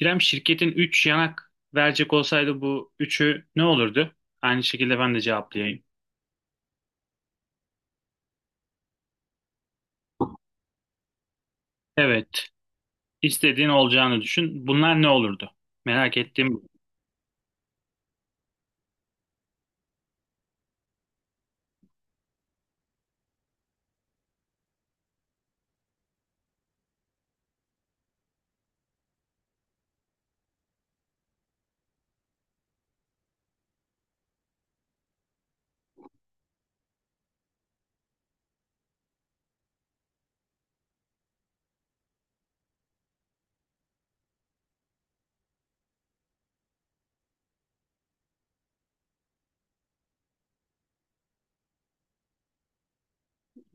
İrem, şirketin 3 yanak verecek olsaydı bu üçü ne olurdu? Aynı şekilde ben de cevaplayayım. Evet, istediğin olacağını düşün. Bunlar ne olurdu? Merak ettiğim bu.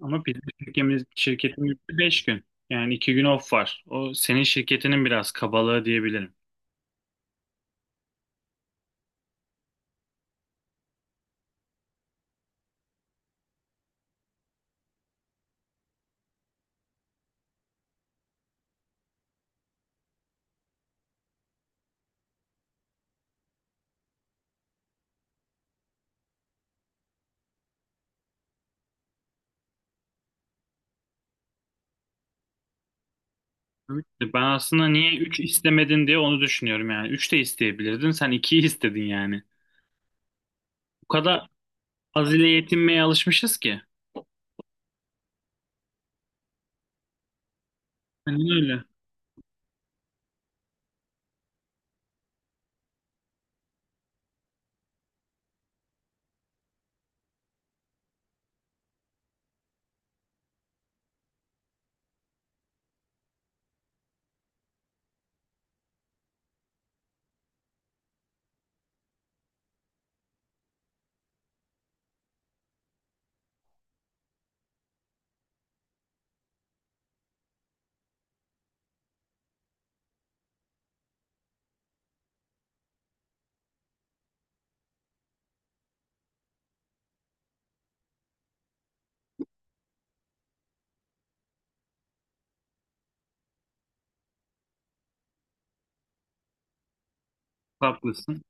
Ama bizim şirketimiz 5 gün. Yani 2 gün off var. O senin şirketinin biraz kabalığı diyebilirim. Evet. Ben aslında niye 3 istemedin diye onu düşünüyorum yani. 3 de isteyebilirdin. Sen ikiyi istedin yani. Bu kadar az ile yetinmeye alışmışız ki. Hani öyle. Haklısın.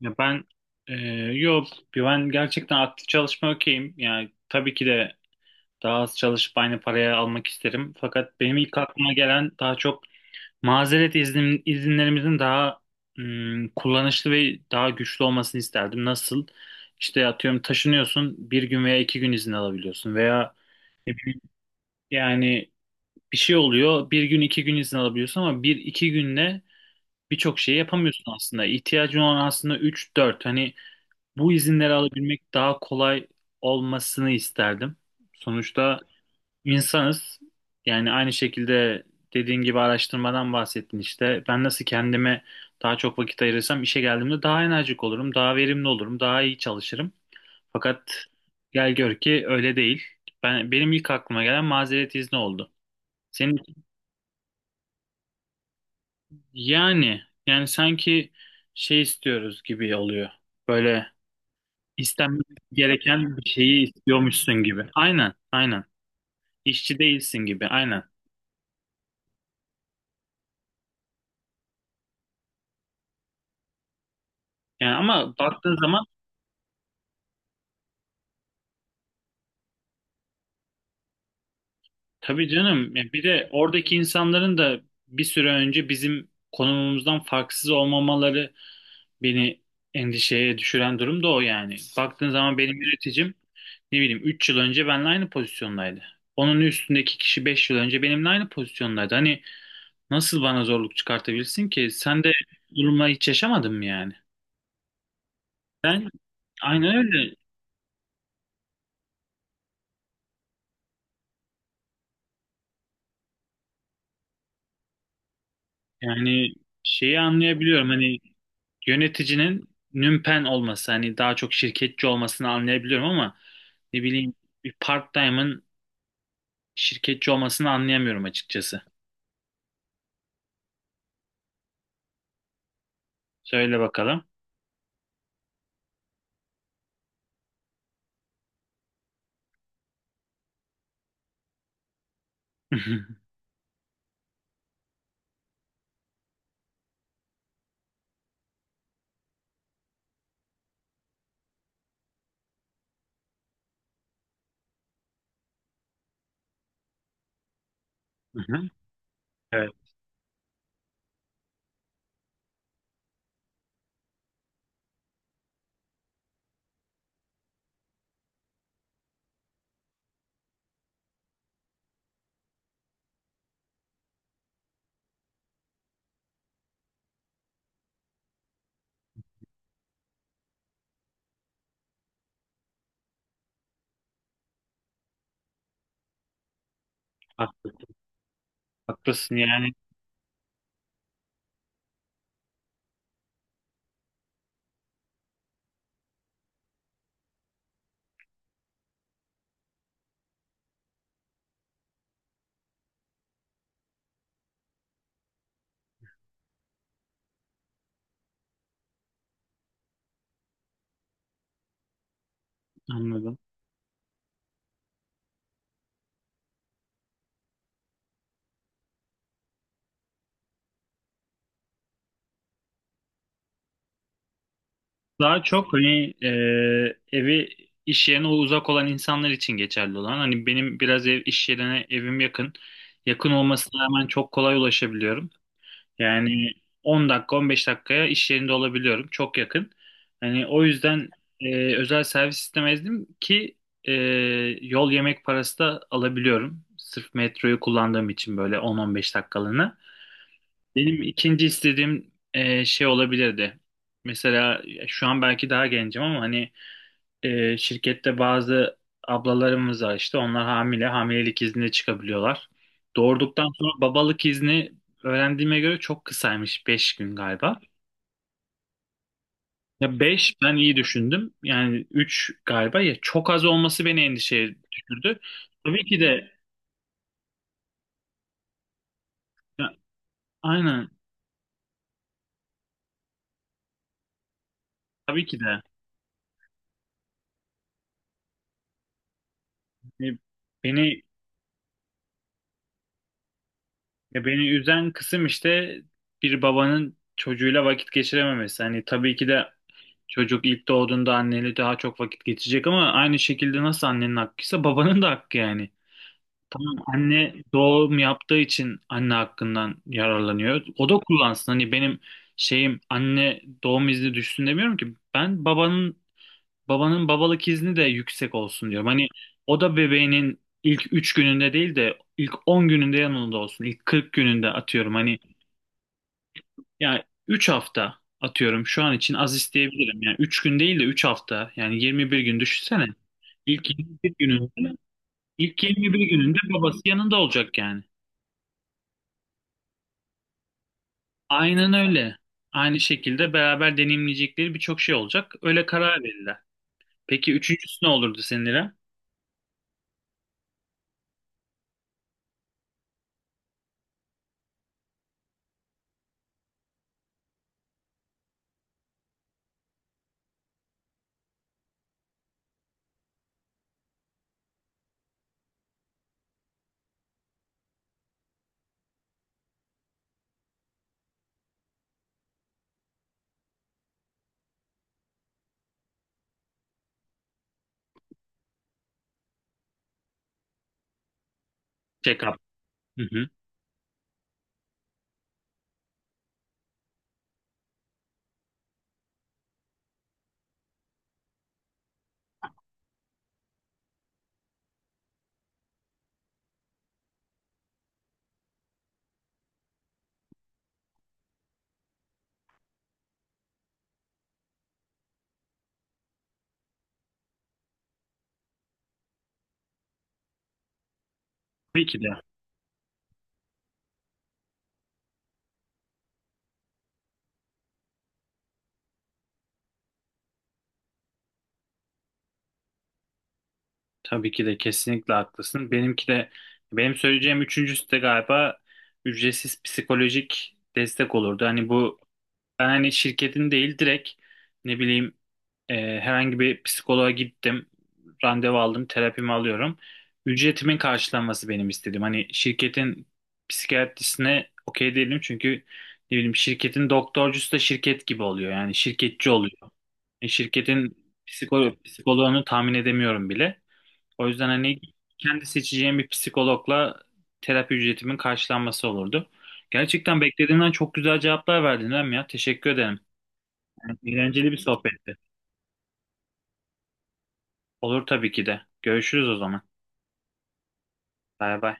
Ya ben e, yok, ben gerçekten aktif çalışma okeyim. Yani tabii ki de daha az çalışıp aynı paraya almak isterim. Fakat benim ilk aklıma gelen daha çok mazeret iznim, izinlerimizin daha kullanışlı ve daha güçlü olmasını isterdim. Nasıl? İşte atıyorum, taşınıyorsun bir gün veya iki gün izin alabiliyorsun veya ne bileyim, yani bir şey oluyor, bir gün iki gün izin alabiliyorsun ama bir iki günde birçok şey yapamıyorsun aslında. İhtiyacın olan aslında üç dört, hani bu izinleri alabilmek daha kolay olmasını isterdim. Sonuçta insanız. Yani aynı şekilde, dediğin gibi araştırmadan bahsettin işte. Ben nasıl kendime daha çok vakit ayırırsam işe geldiğimde daha enerjik olurum, daha verimli olurum, daha iyi çalışırım. Fakat gel gör ki öyle değil. Benim ilk aklıma gelen mazeret izni oldu. Senin. Yani sanki şey istiyoruz gibi oluyor. Böyle İstenmesi gereken bir şeyi istiyormuşsun gibi. Aynen, aynen. İşçi değilsin gibi, aynen. Yani ama baktığın zaman, tabii canım ya, bir de oradaki insanların da bir süre önce bizim konumumuzdan farksız olmamaları beni endişeye düşüren durum da o yani. Baktığın zaman benim yöneticim ne bileyim 3 yıl önce benimle aynı pozisyondaydı. Onun üstündeki kişi 5 yıl önce benimle aynı pozisyondaydı. Hani nasıl bana zorluk çıkartabilirsin ki? Sen de durumla hiç yaşamadın mı yani? Ben, aynen öyle. Yani şeyi anlayabiliyorum, hani yöneticinin nümpen olması, hani daha çok şirketçi olmasını anlayabiliyorum ama ne bileyim, bir part-time'ın şirketçi olmasını anlayamıyorum açıkçası. Söyle bakalım. Hı hı. Evet, haklısın, haklısın yani. Anladım. Daha çok hani, evi iş yerine uzak olan insanlar için geçerli olan. Hani benim biraz ev iş yerine evim yakın. Yakın olmasına rağmen çok kolay ulaşabiliyorum. Yani 10 dakika, 15 dakikaya iş yerinde olabiliyorum. Çok yakın. Hani o yüzden özel servis istemezdim ki, e, yol yemek parası da alabiliyorum. Sırf metroyu kullandığım için böyle 10-15 dakikalığına. Benim ikinci istediğim şey olabilirdi. Mesela şu an belki daha gencim ama hani, şirkette bazı ablalarımız var işte, onlar hamilelik iznine çıkabiliyorlar. Doğurduktan sonra babalık izni, öğrendiğime göre, çok kısaymış, 5 gün galiba. Ya 5 ben iyi düşündüm yani, 3 galiba, ya çok az olması beni endişeye düşürdü. Tabii ki de. Ya, aynen, tabii ki de. E, beni beni üzen kısım işte, bir babanın çocuğuyla vakit geçirememesi. Hani, tabii ki de çocuk ilk doğduğunda anneyle daha çok vakit geçecek ama aynı şekilde, nasıl annenin hakkıysa babanın da hakkı yani. Tamam, anne doğum yaptığı için anne hakkından yararlanıyor. O da kullansın. Hani benim şeyim anne doğum izni düşsün demiyorum ki. Ben babanın babalık izni de yüksek olsun diyorum. Hani o da bebeğinin ilk 3 gününde değil de ilk 10 gününde yanında olsun. İlk 40 gününde atıyorum. Hani yani, 3 hafta atıyorum, şu an için az isteyebilirim. Yani 3 gün değil de 3 hafta. Yani 21 gün düşünsene. İlk 21 gününde, ilk 21 gününde babası yanında olacak yani. Aynen öyle. Aynı şekilde beraber deneyimleyecekleri birçok şey olacak. Öyle karar verirler. Peki üçüncüsü ne olurdu senin, İrem? Check-up. Hı hı. Tabii ki de. Tabii ki de, kesinlikle haklısın. Benimki de, benim söyleyeceğim üçüncüsü de galiba ücretsiz psikolojik destek olurdu. Hani bu. Ben hani şirketin değil, direkt ne bileyim, herhangi bir psikoloğa gittim, randevu aldım, terapimi alıyorum. Ücretimin karşılanması benim istediğim. Hani şirketin psikiyatrisine okey değilim çünkü ne bileyim, şirketin doktorcusu da şirket gibi oluyor. Yani şirketçi oluyor. Şirketin psikoloğunu tahmin edemiyorum bile. O yüzden hani, kendi seçeceğim bir psikologla terapi ücretimin karşılanması olurdu. Gerçekten beklediğimden çok güzel cevaplar verdin Rem ya. Teşekkür ederim. Eğlenceli bir sohbetti. Olur tabii ki de. Görüşürüz o zaman. Bay bay.